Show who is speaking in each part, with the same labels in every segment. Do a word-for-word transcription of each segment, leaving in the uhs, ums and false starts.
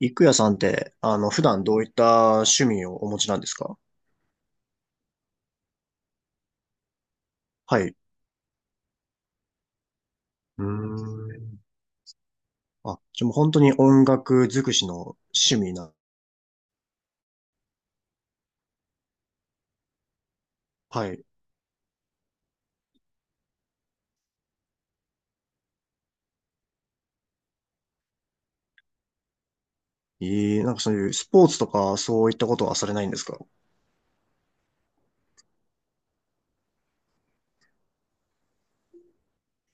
Speaker 1: 郁也さんって、あの、普段どういった趣味をお持ちなんですか？はい。うーん。あ、じゃあもう本当に音楽尽くしの趣味な。はい。えー、なんかそういうスポーツとかそういったことはされないんですか？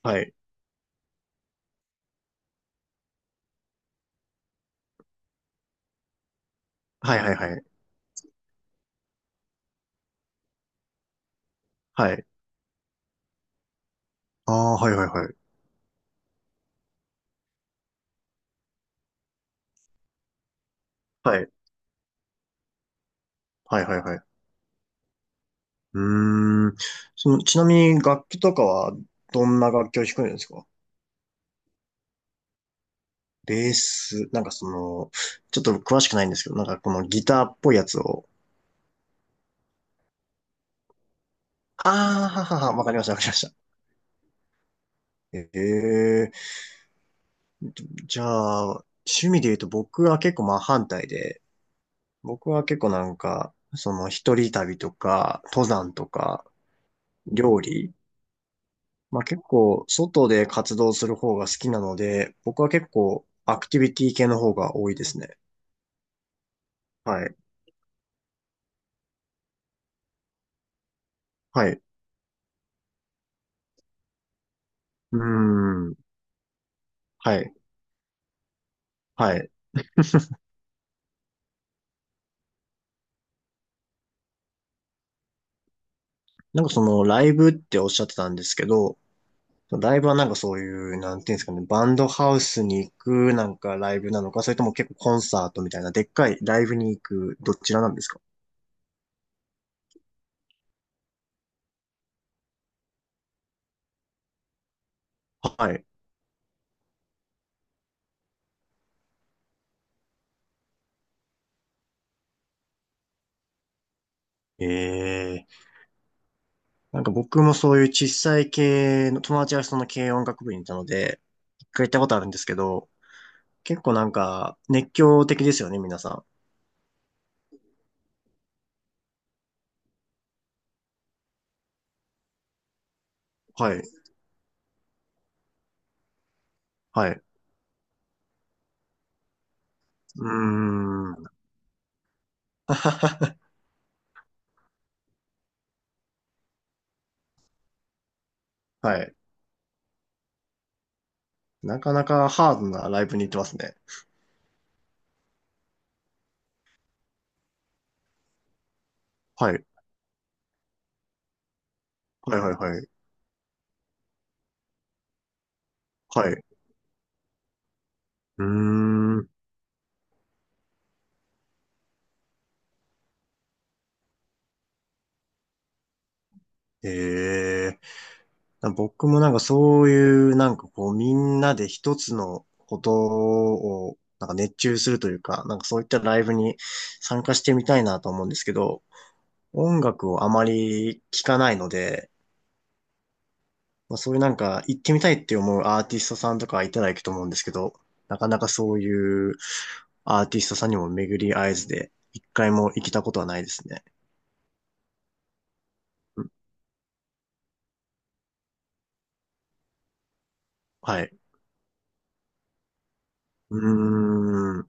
Speaker 1: はい。はいはいはい。はい。ああ、はいはいはい。はい。はいはいはい。うーん。その、ちなみに楽器とかはどんな楽器を弾くんですか？ベース、なんかその、ちょっと詳しくないんですけど、なんかこのギターっぽいやつを。ああ、ははは、わかりましたわかりました。ええじゃあ、趣味で言うと僕は結構真反対で、僕は結構なんか、その一人旅とか、登山とか、料理、まあ結構外で活動する方が好きなので、僕は結構アクティビティ系の方が多いですね。はい。はい。うーん。はい。はい。なんかそのライブっておっしゃってたんですけど、ライブはなんかそういう、なんていうんですかね、バンドハウスに行くなんかライブなのか、それとも結構コンサートみたいな、でっかいライブに行く、どちらなんですか？はい。ええなんか僕もそういう小さい系の、友達がその軽音楽部にいたので、一回行ったことあるんですけど、結構なんか熱狂的ですよね、皆さん。はい。はい。うーん。はい。なかなかハードなライブに行ってますね。はい。はいはいはい。はい。うーん。ええな僕もなんかそういうなんかこうみんなで一つのことをなんか熱中するというか、なんかそういったライブに参加してみたいなと思うんですけど、音楽をあまり聞かないので、まあ、そういうなんか行ってみたいって思うアーティストさんとかいたら行くと思うんですけど、なかなかそういうアーティストさんにも巡り合えずで、一回も行けたことはないですね。うん。はい。うーん。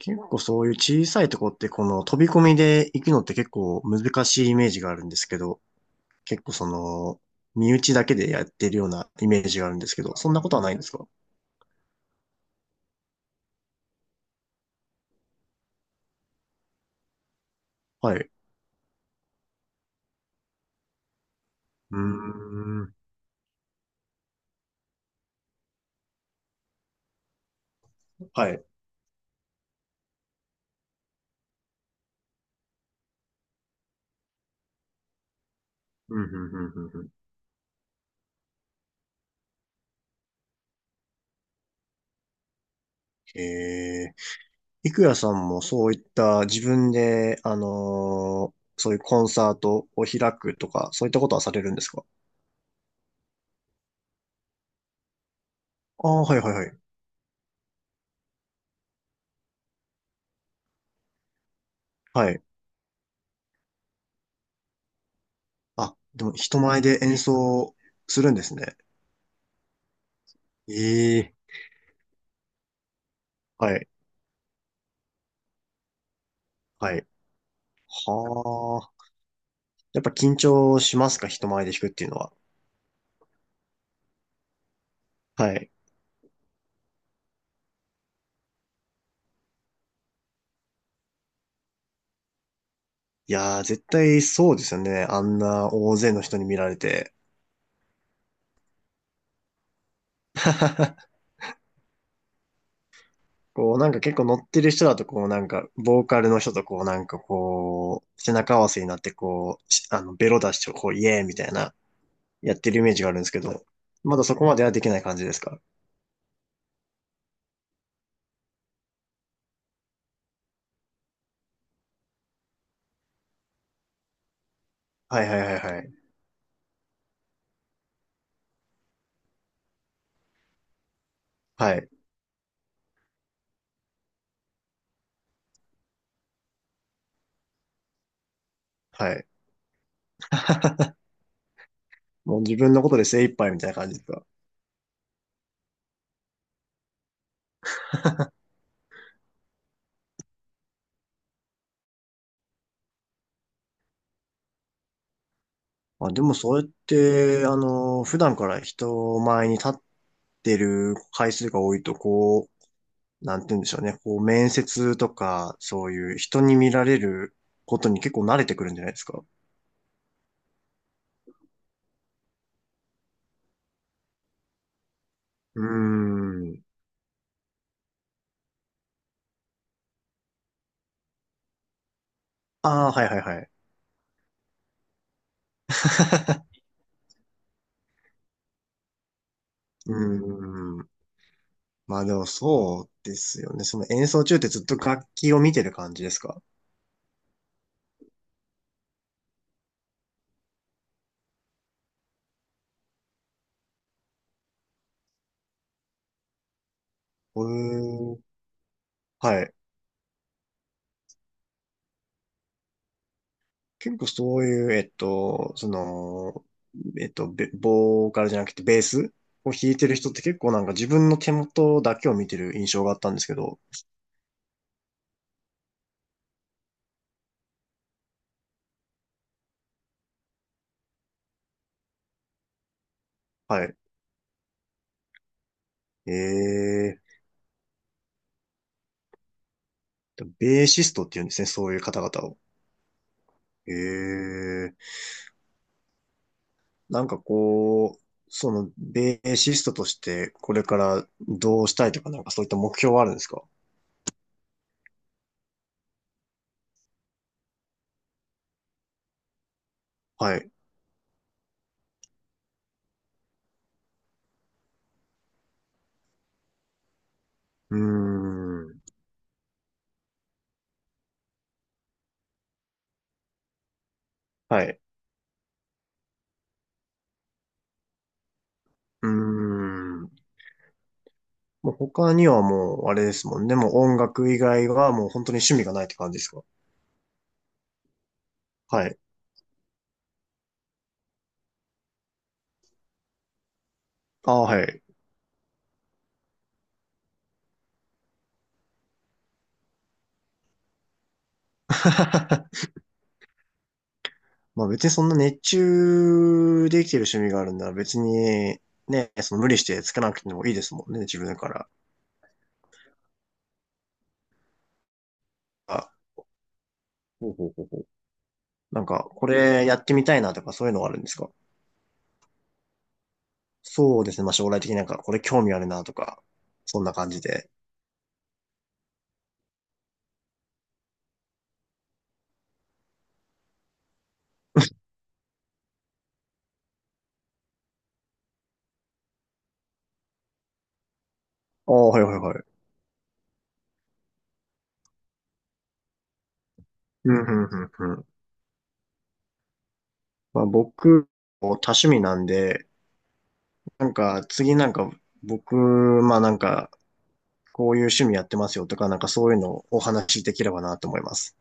Speaker 1: 結構そういう小さいとこってこの飛び込みで行くのって結構難しいイメージがあるんですけど、結構その、身内だけでやってるようなイメージがあるんですけど、そんなことはないんですか？はい。うーん。はい。うん、うん、うん、うんうん。ええ、いくやさんもそういった自分で、あのーそういうコンサートを開くとか、そういったことはされるんですか？ああ、はいはいはい。はい。あ、でも人前で演奏するんですね。ええ。はい。はい。はあ。やっぱ緊張しますか？人前で弾くっていうのは。はい。いやー、絶対そうですよね。あんな大勢の人に見られて。こう、なんか結構乗ってる人だと、こう、なんか、ボーカルの人とこう、なんかこう、背中合わせになって、こう、しあの、ベロ出して、こう、イエーイみたいな、やってるイメージがあるんですけど、まだそこまではできない感じですか？はいはいはいはい。はい。はい。もう自分のことで精一杯みたいな感じですか？あ、でもそうやって、あの、普段から人前に立ってる回数が多いと、こう、なんて言うんでしょうね。こう、面接とか、そういう人に見られることに結構慣れてくるんじゃないですか。うーん。ああ、はいはいはい。うーん。まあでもそうですよね。その演奏中ってずっと楽器を見てる感じですか？うーん。はい。結構そういう、えっと、その、えっと、ベボーカルじゃなくてベースを弾いてる人って結構なんか自分の手元だけを見てる印象があったんですけど。はい。えー、ベーシストって言うんですね、そういう方々を。えー。なんかこう、その、ベーシストとして、これからどうしたいとか、なんかそういった目標はあるんですか？はい。うーん。はい。うーん。もう他にはもう、あれですもんね。もう音楽以外はもう本当に趣味がないって感じですか？はい。ああ、はい。まあ別にそんな熱中できてる趣味があるんなら別に、ね、その無理してつけなくてもいいですもんね、自分から。あ、ほうほうほうほう。なんか、これやってみたいなとかそういうのはあるんですか？そうですね。まあ、将来的になんか、これ興味あるなとか、そんな感じで。ああ、はいはいはい。うん、うん、うん、うん。まあ、僕、多趣味なんで、なんか、次なんか、僕、まあなんか、こういう趣味やってますよとか、なんかそういうのをお話しできればなと思います。